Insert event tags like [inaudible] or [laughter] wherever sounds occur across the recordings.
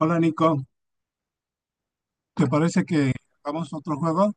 Hola Nico, ¿te parece que hagamos otro juego?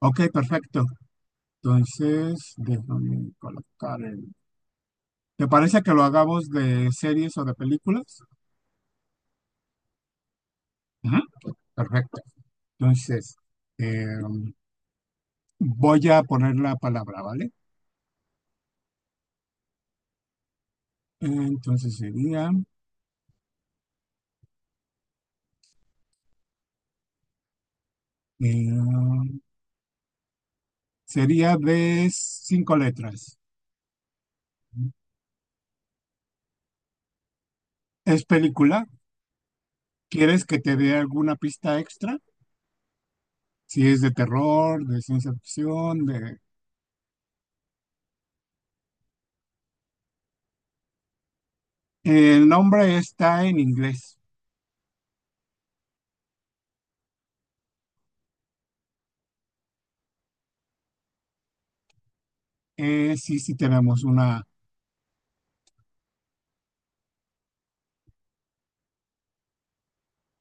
Ok, perfecto. Entonces, déjame colocar el. ¿Te parece que lo hagamos de series o de películas? Ujú. Perfecto. Entonces, eh, voy a poner la palabra, ¿vale? Entonces eh, sería de cinco letras. ¿Es película? ¿Quieres que te dé alguna pista extra? Si es de terror, de ciencia ficción, de. El nombre está en inglés. Sí, sí tenemos una.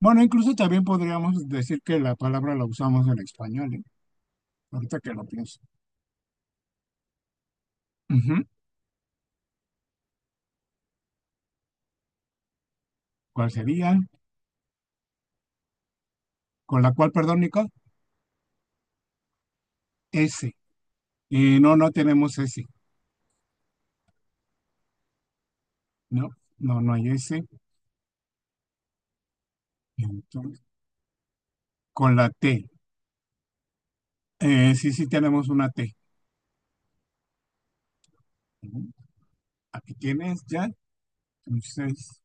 Bueno, incluso también podríamos decir que la palabra la usamos en español, ¿eh? Ahorita que lo pienso. Ujú. ¿Cuál sería? Con la cual, perdón, Nicole, S. No, no tenemos S. No, no, no hay S. Entonces, con la T. Sí, sí tenemos una T. Ujú. Aquí tienes ya. Entonces,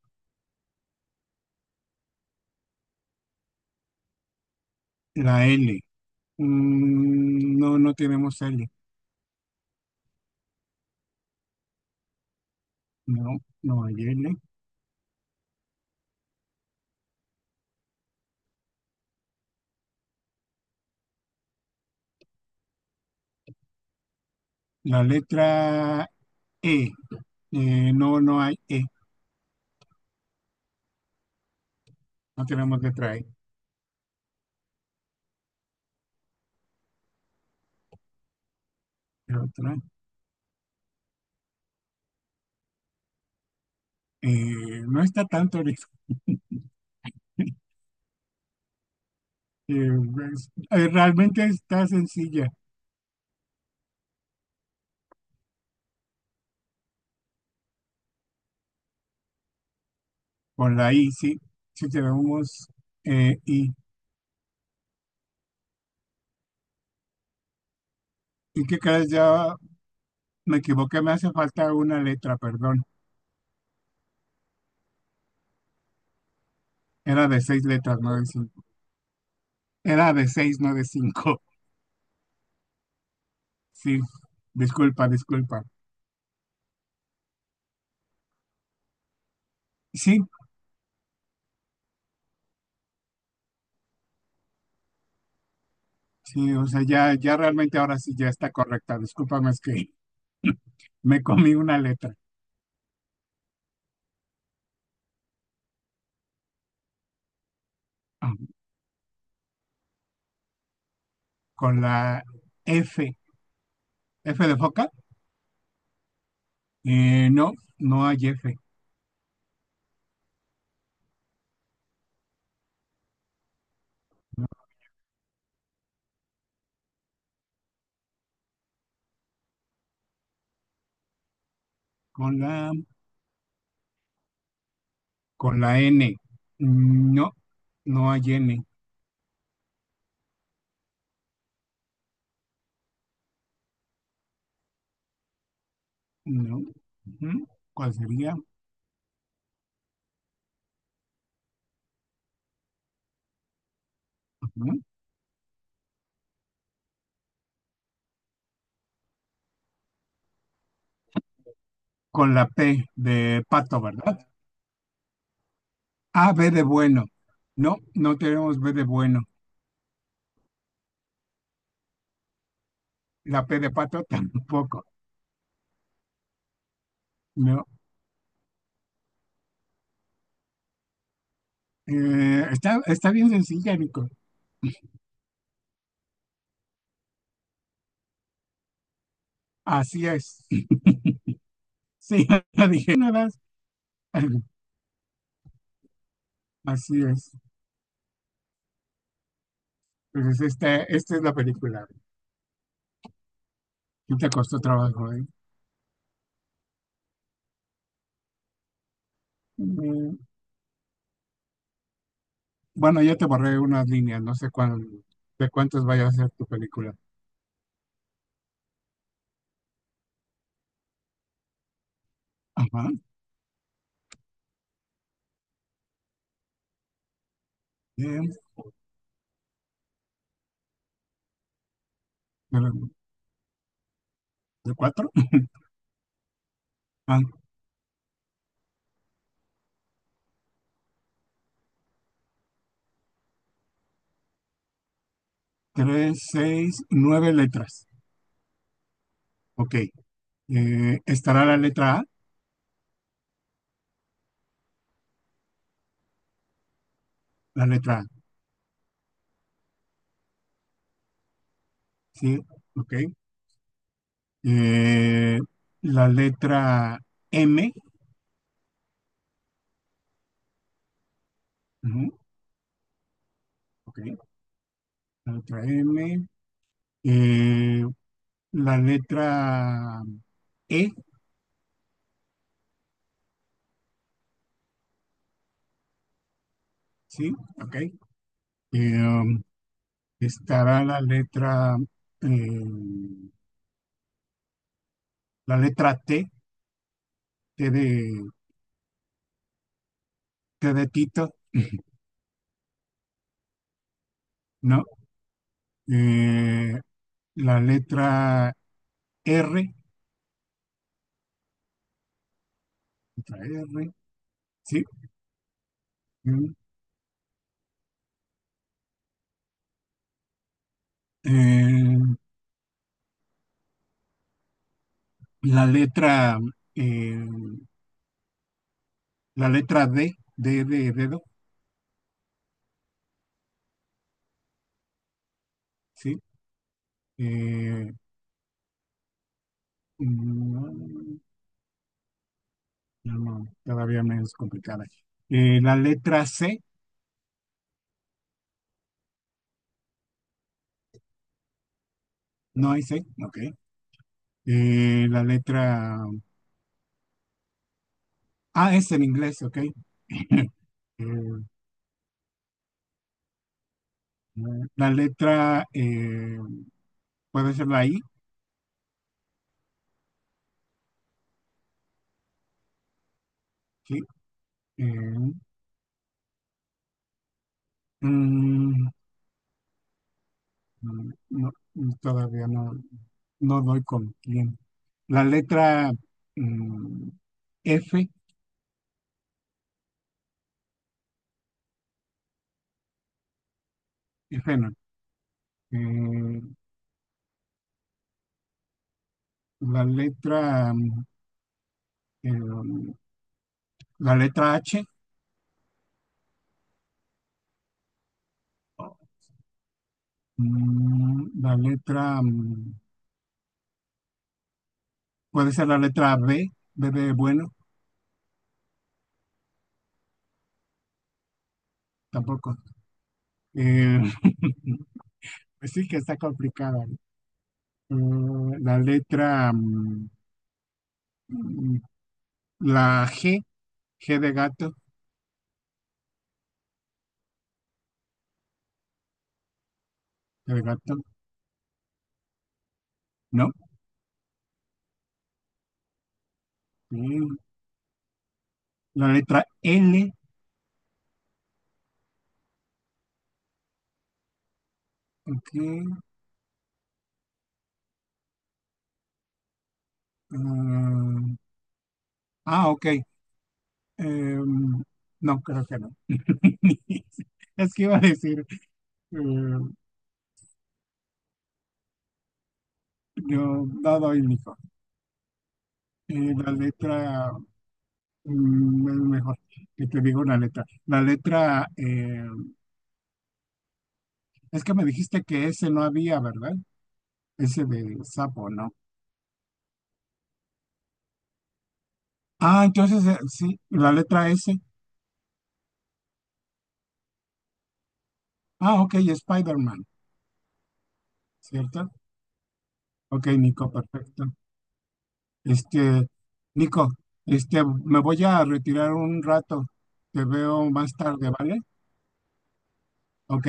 la L. No, no tenemos L. No, no hay L. La letra E. No, no hay E, no tenemos letra E. Pero otra, no está tanto ahorita. eh, realmente está sencilla. Con la I, sí. Si tenemos I. Y que cada vez ya me equivoqué, me hace falta una letra, perdón. Era de seis letras, no de cinco. Era de seis, no de cinco. [laughs] Sí, disculpa, disculpa. Sí, sí, o sea, ya, ya realmente ahora sí ya está correcta. Discúlpame, es que [laughs] me comí una letra. Ah. Con la F. F de foca. No, no hay F. No. Con la, con la N. No, no hay N. No. Ujú. ¿Cuál sería? Ujú. Con la P de pato, ¿verdad? A, B de bueno. No, no tenemos B de bueno. La P de pato [laughs] tampoco. No. Está bien sencilla, Nico. Así es. [laughs] Sí, la dije nada más. [laughs] Así es. Entonces, esta es la película. ¿Qué te costó trabajo, eh? Mm. Bueno, ya te borré unas líneas, no sé cuál, de cuántas vaya a ser tu película. Ajá. De, de- de cuatro. [laughs] Ah, tres, seis, nueve letras. Ok. Estará la letra A, sí, ok. Eh, la letra M, ujú, ok. La letra M. Eh, la letra E, sí, ok. Um, estará eh, la letra T, T de, T de Tito, ¿no? Eh, la R, letra R, sí. Eh, la letra, eh, la letra D, D de dedo, sí. Eh, mm, no, no, todavía menos complicada. La letra C, no hay C, ok. La letra A es en inglés, ok. [coughs] Eh, la letra puede ser la I. Sí, eh, mm, no, todavía no, no doy con quién. La letra mm, F, F no. eh, la letra, mm, eh, la letra H, mm, la letra, mm, puede ser la letra B, B de bueno, tampoco. Eh, [laughs] pues sí que está complicada, ¿no? La letra, mm, mm, la G, G de gato. La de gato, no. Mm, La letra L, ok. ah, ok. Em, no, creo que no. [laughs] Es que iba a decir, eh, yo no doy hijo. Eh, la letra, es mejor que te digo una letra. La letra, es que me dijiste que ese no había, ¿verdad? Ese de sapo, ¿no? Ah, entonces sí, la letra S. Ah, ok, Spider-Man, ¿cierto? Ok, Nico, perfecto. Este, Nico, este, me voy a retirar un rato. Te veo más tarde, ¿vale? Ok,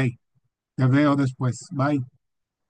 te veo después. Bye.